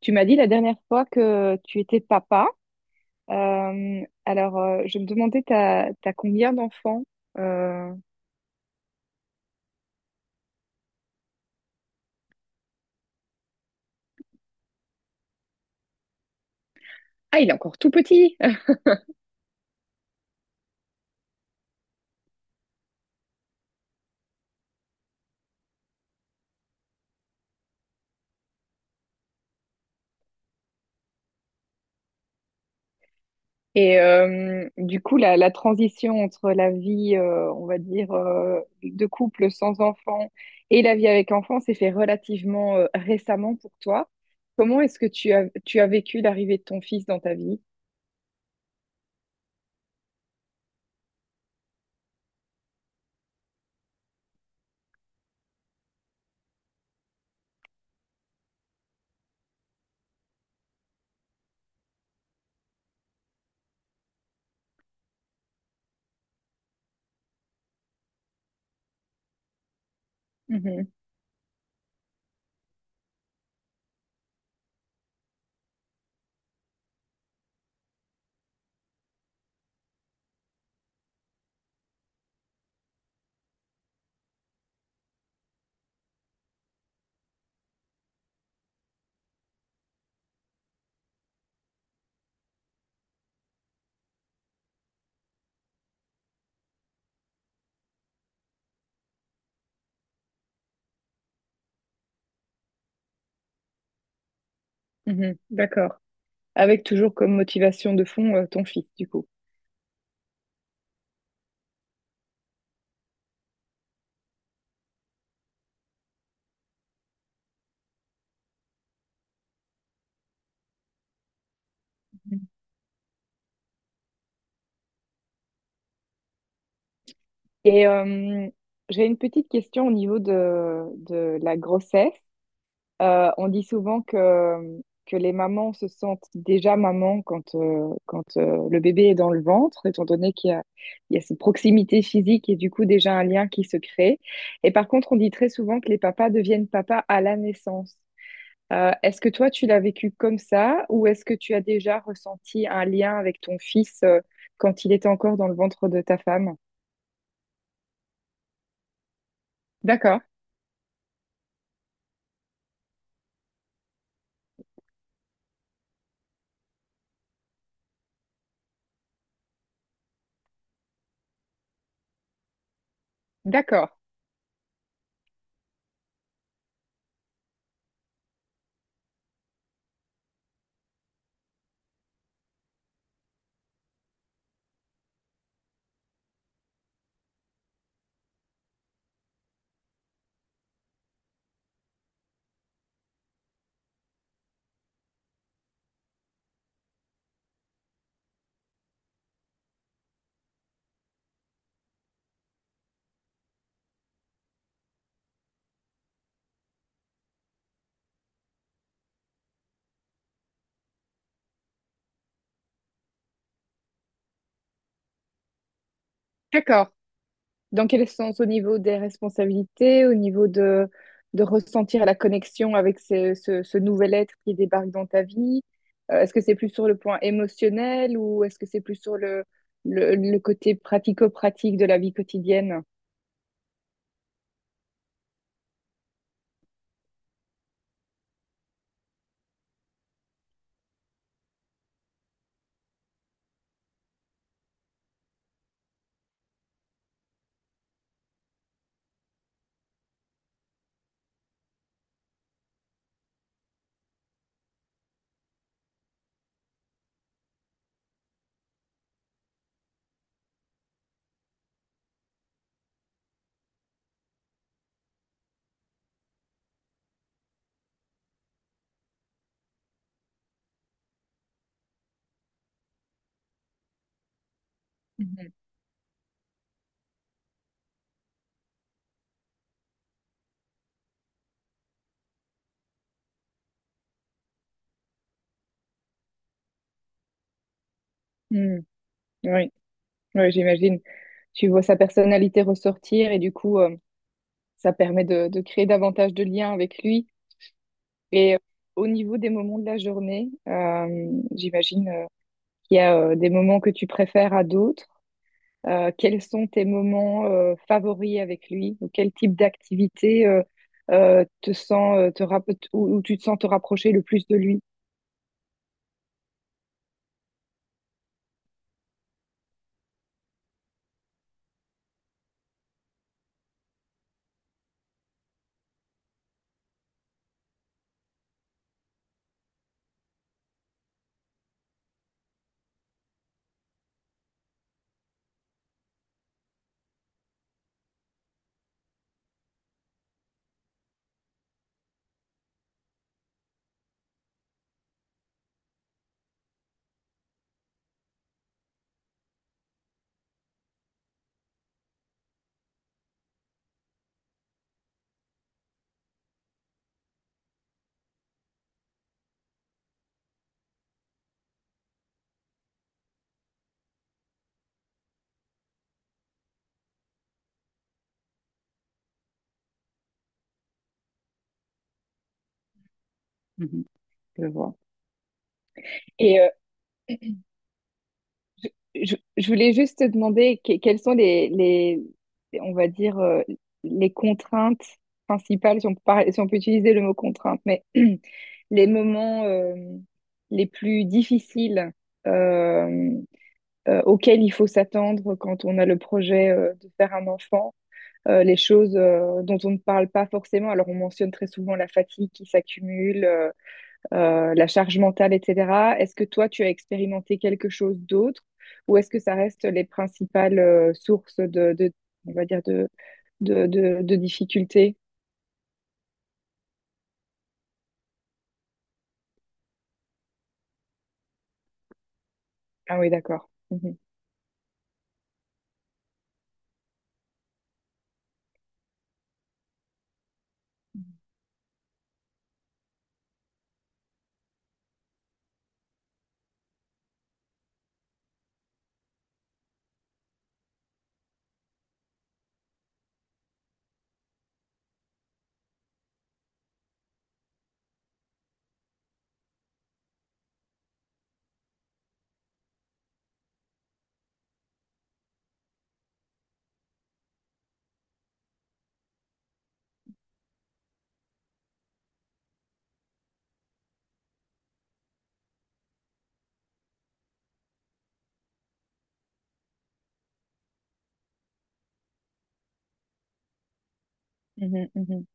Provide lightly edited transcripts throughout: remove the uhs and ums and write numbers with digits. Tu m'as dit la dernière fois que tu étais papa. Je me demandais, t'as combien d'enfants? Euh, Ah, il est encore tout petit. Et du coup, la transition entre la vie, on va dire, de couple sans enfant et la vie avec enfant s'est fait relativement récemment pour toi. Comment est-ce que tu as vécu l'arrivée de ton fils dans ta vie? Mhm, mhm, d'accord. Avec toujours comme motivation de fond, ton fils, du coup. Et j'ai une petite question au niveau de la grossesse. On dit souvent que les mamans se sentent déjà mamans quand, quand le bébé est dans le ventre, étant donné qu'il y a, il y a cette proximité physique et du coup déjà un lien qui se crée. Et par contre, on dit très souvent que les papas deviennent papas à la naissance. Est-ce que toi, tu l'as vécu comme ça ou est-ce que tu as déjà ressenti un lien avec ton fils quand il était encore dans le ventre de ta femme? D'accord, d'accord. D'accord. Dans quel sens? Au niveau des responsabilités, au niveau de ressentir la connexion avec ce nouvel être qui débarque dans ta vie? Est-ce que c'est plus sur le point émotionnel ou est-ce que c'est plus sur le côté pratico-pratique de la vie quotidienne? Mhm. Hmm. Oui, oui, j'imagine. Tu vois sa personnalité ressortir et du coup, ça permet de créer davantage de liens avec lui. Et au niveau des moments de la journée, j'imagine. Qu'il y a des moments que tu préfères à d'autres. Quels sont tes moments favoris avec lui ou quel type d'activité te sens, te rapp- où, où tu te sens te rapprocher le plus de lui? Mhm, je vois. Et je, je voulais juste te demander quelles sont on va dire, les contraintes principales, si on peut, si on peut utiliser le mot contrainte, mais les moments les plus difficiles euh, auxquelles il faut s'attendre quand on a le projet de faire un enfant, les choses dont on ne parle pas forcément. Alors on mentionne très souvent la fatigue qui s'accumule, la charge mentale, etc. Est-ce que toi, tu as expérimenté quelque chose d'autre ou est-ce que ça reste les principales sources de, on va dire de difficultés? Ah oui, d'accord. Mhm. Mhm, mhm.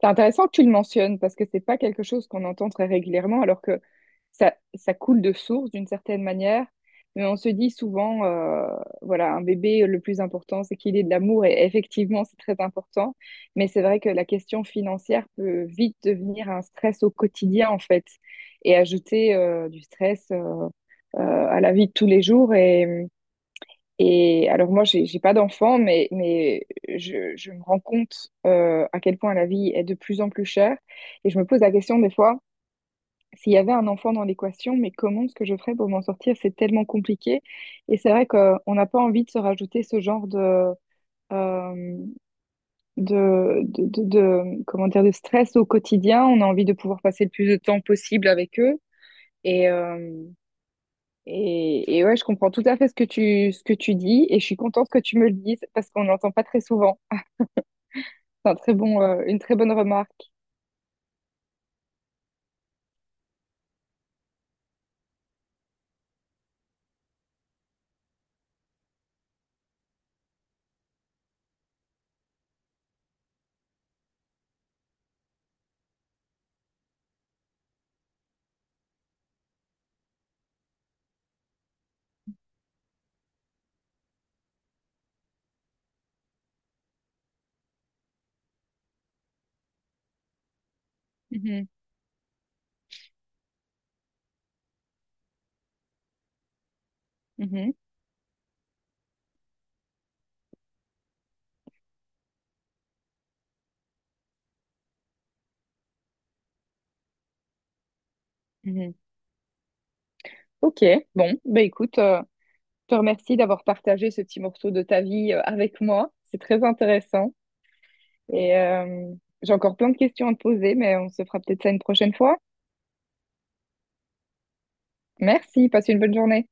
C'est intéressant que tu le mentionnes parce que c'est pas quelque chose qu'on entend très régulièrement alors que ça coule de source d'une certaine manière. Mais on se dit souvent, voilà, un bébé, le plus important, c'est qu'il ait de l'amour et effectivement, c'est très important. Mais c'est vrai que la question financière peut vite devenir un stress au quotidien en fait et ajouter du stress à la vie de tous les jours et alors moi, j'ai pas d'enfant, mais je me rends compte à quel point la vie est de plus en plus chère. Et je me pose la question des fois, s'il y avait un enfant dans l'équation, mais comment est-ce que je ferais pour m'en sortir? C'est tellement compliqué. Et c'est vrai qu'on n'a pas envie de se rajouter ce genre de, euh, comment dire, de stress au quotidien. On a envie de pouvoir passer le plus de temps possible avec eux. Et euh, et ouais, je comprends tout à fait ce que ce que tu dis et je suis contente que tu me le dises parce qu'on n'entend pas très souvent. C'est un très bon, une très bonne remarque. Mhm, mhm, mhm. Ok, bon, bah écoute, je te remercie d'avoir partagé ce petit morceau de ta vie avec moi. C'est très intéressant et j'ai encore plein de questions à te poser, mais on se fera peut-être ça une prochaine fois. Merci, passe une bonne journée.